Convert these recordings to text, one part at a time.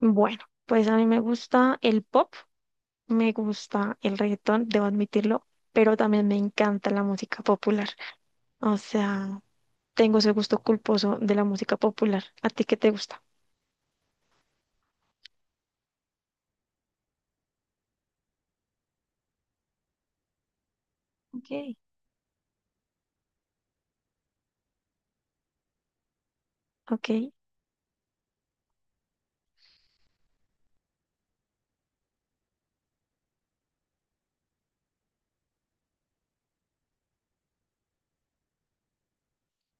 Bueno, pues a mí me gusta el pop, me gusta el reggaetón, debo admitirlo, pero también me encanta la música popular. O sea, tengo ese gusto culposo de la música popular. ¿A ti qué te gusta? Okay. Ok.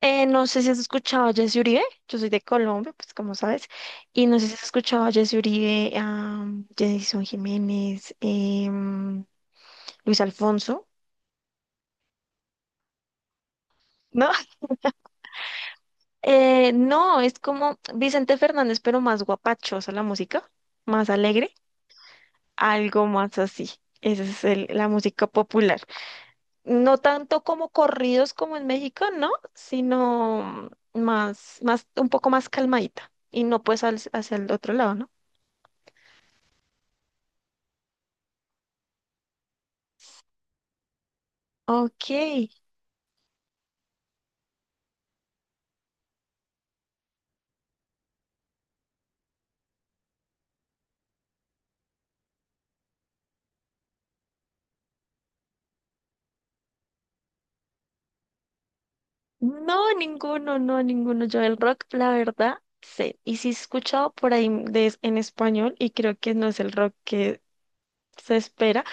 No sé si has escuchado a Jessy Uribe, yo soy de Colombia, pues como sabes, y no sé si has escuchado a Jessy Uribe, a Jason Jiménez, Luis Alfonso, ¿no? No, es como Vicente Fernández, pero más guapachosa la música, más alegre. Algo más así. Esa es la música popular. No tanto como corridos como en México, ¿no? Sino más, más, un poco más calmadita. Y no pues hacia el otro lado, ¿no? Ok. No, ninguno, no, ninguno. Yo el rock, la verdad, sé. Y sí he escuchado por ahí de, en español y creo que no es el rock que se espera.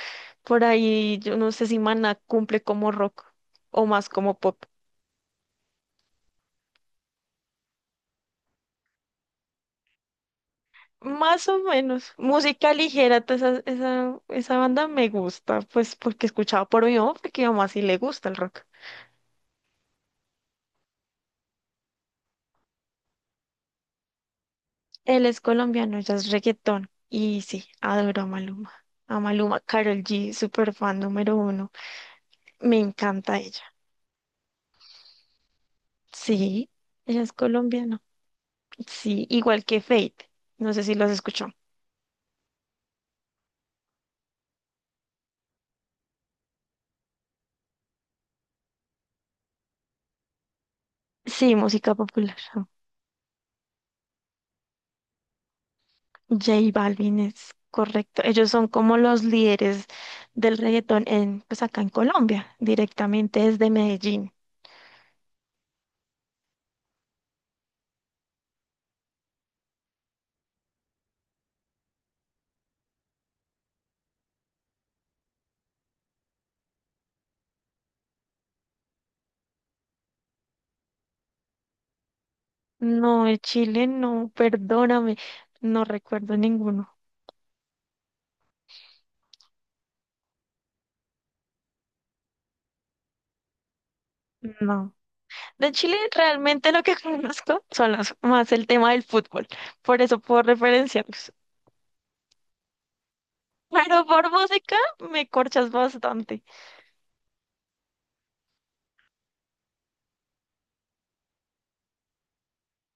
Por ahí, yo no sé si Maná cumple como rock o más como pop. Más o menos. Música ligera, toda esa, esa banda me gusta, pues porque escuchaba por mi mamá, porque a mi mamá sí le gusta el rock. Él es colombiano, ella es reggaetón. Y sí, adoro a Maluma. A Maluma, Karol G, super fan número uno. Me encanta ella. Sí, ella es colombiana. Sí, igual que Fate. No sé si los escuchó. Sí, música popular. J Balvin es correcto. Ellos son como los líderes del reggaetón en, pues acá en Colombia, directamente desde Medellín. No, de Chile no, perdóname, no recuerdo ninguno. No. De Chile realmente lo que conozco son más el tema del fútbol, por eso puedo referenciarlos. Pero por música me corchas bastante.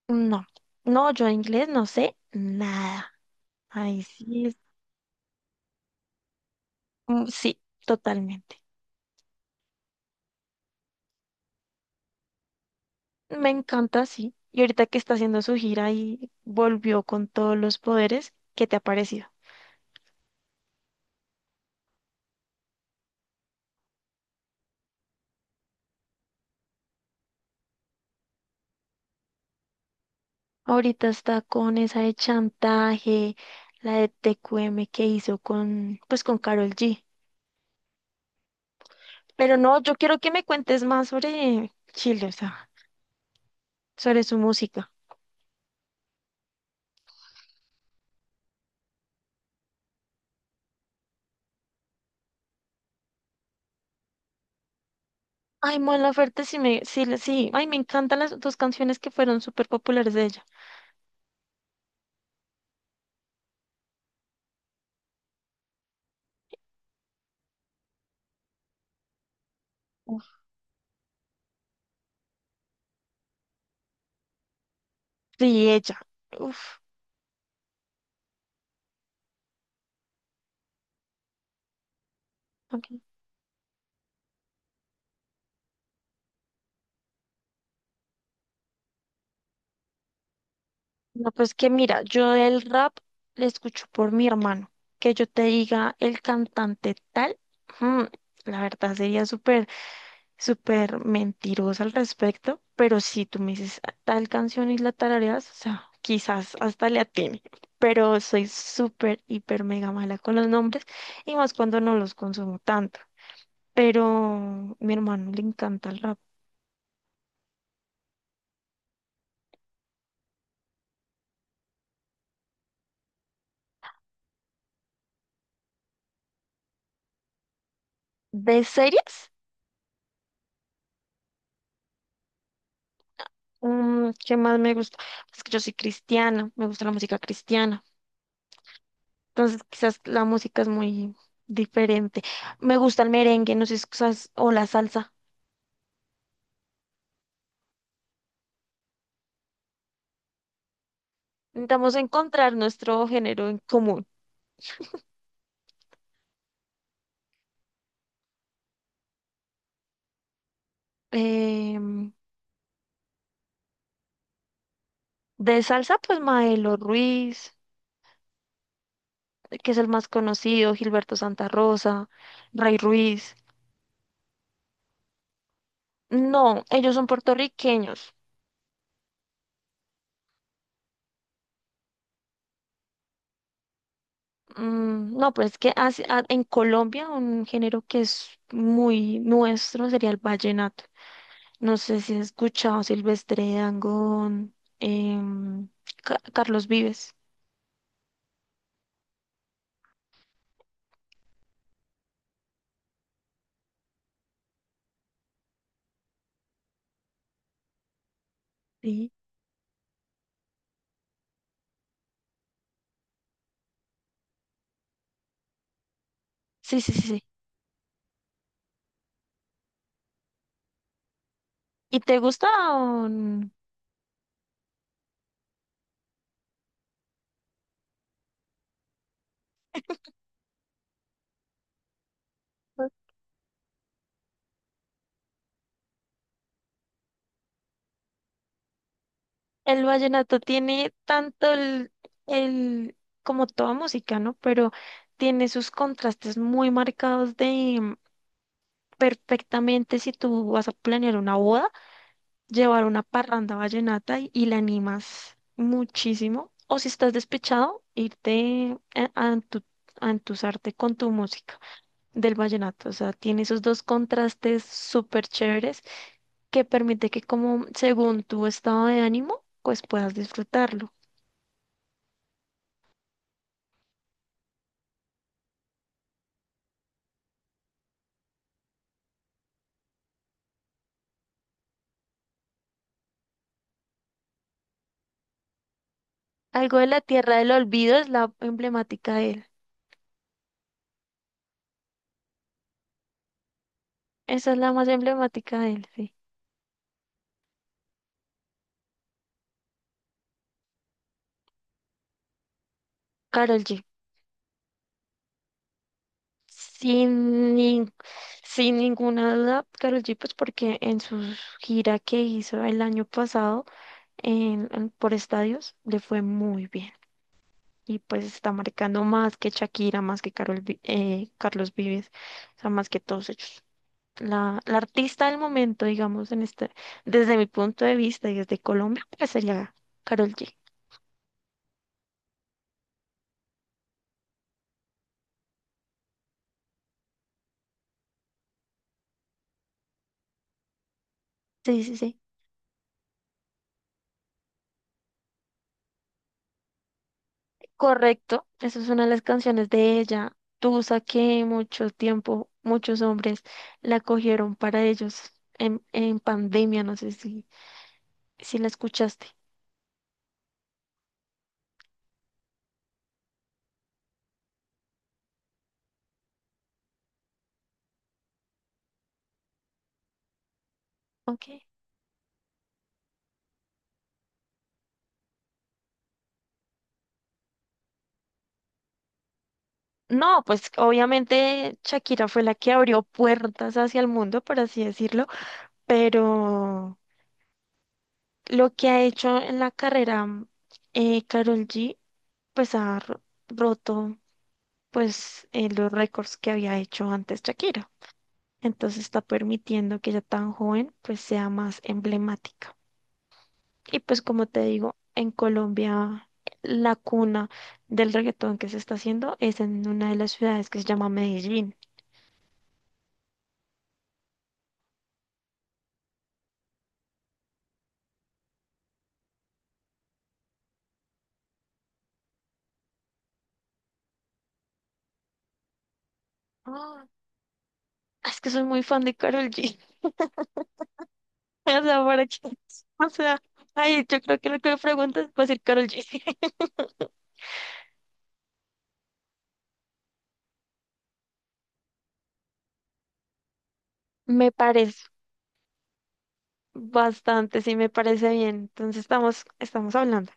No, no, yo inglés no sé nada. Ahí sí, mm, sí, totalmente. Me encanta, sí. Y ahorita que está haciendo su gira y volvió con todos los poderes, ¿qué te ha parecido? Ahorita está con esa de chantaje, la de TQM que hizo con, pues con Karol G. Pero no, yo quiero que me cuentes más sobre Chile, o sea, sobre su música. Ay, Mon Laferte, sí me, sí, sí. Ay, me encantan las dos canciones que fueron súper populares de ella. Uf. Sí, ella. Uf. Ok. No, pues que mira, yo el rap le escucho por mi hermano. Que yo te diga el cantante tal, mm, la verdad sería súper, súper mentirosa al respecto. Pero si tú me dices "Ah, tal canción y la tarareas, o sea, quizás hasta le atine. Pero soy súper, hiper, mega mala con los nombres y más cuando no los consumo tanto. Pero mi hermano le encanta el rap. ¿De series? Mm, ¿qué más me gusta? Es que yo soy cristiana, me gusta la música cristiana. Entonces, quizás la música es muy diferente. Me gusta el merengue, no sé si o la salsa. Intentamos encontrar nuestro género en común. Em, de salsa, pues Maelo Ruiz, que es el más conocido, Gilberto Santa Rosa, Ray Ruiz. No, ellos son puertorriqueños. Mm, no, pero es que en Colombia un género que es muy nuestro sería el vallenato. No sé si has escuchado Silvestre Dangond, em, Carlos Vives. Sí. Sí, sí, sí, sí. ¿Y te gusta o El vallenato tiene tanto el- como toda música, ¿no? Pero tiene sus contrastes muy marcados de perfectamente si tú vas a planear una boda. Llevar una parranda vallenata y la animas muchísimo. O si estás despechado, irte a entusarte con tu música del vallenato. O sea, tiene esos dos contrastes súper chéveres que permite que como según tu estado de ánimo, pues puedas disfrutarlo. Algo de la Tierra del Olvido es la emblemática de él. Esa es la más emblemática de él, sí. Karol G. Sin, nin- Sin ninguna duda, Karol G, pues porque en su gira que hizo el año pasado por estadios le fue muy bien y pues está marcando más que Shakira, más que Carlos Vives, o sea, más que todos ellos. La artista del momento, digamos, en este, desde mi punto de vista y desde Colombia, pues sería Karol G. Sí, sí, sí. Correcto, esa es una de las canciones de ella. Tusa que mucho tiempo, muchos hombres la cogieron para ellos en pandemia, no sé si, si la escuchaste. Ok. No, pues obviamente Shakira fue la que abrió puertas hacia el mundo, por así decirlo, pero lo que ha hecho en la carrera Karol G, pues ha roto pues los récords que había hecho antes Shakira. Entonces está permitiendo que ella tan joven pues sea más emblemática. Y pues como te digo, en Colombia la cuna del reggaetón que se está haciendo es en una de las ciudades que se llama Medellín. Ah, es que soy muy fan de Karol G. O sea, o sea, ay, yo creo que lo que me preguntas va a ser Karol G. Me parece bastante, sí, me parece bien. Entonces estamos hablando.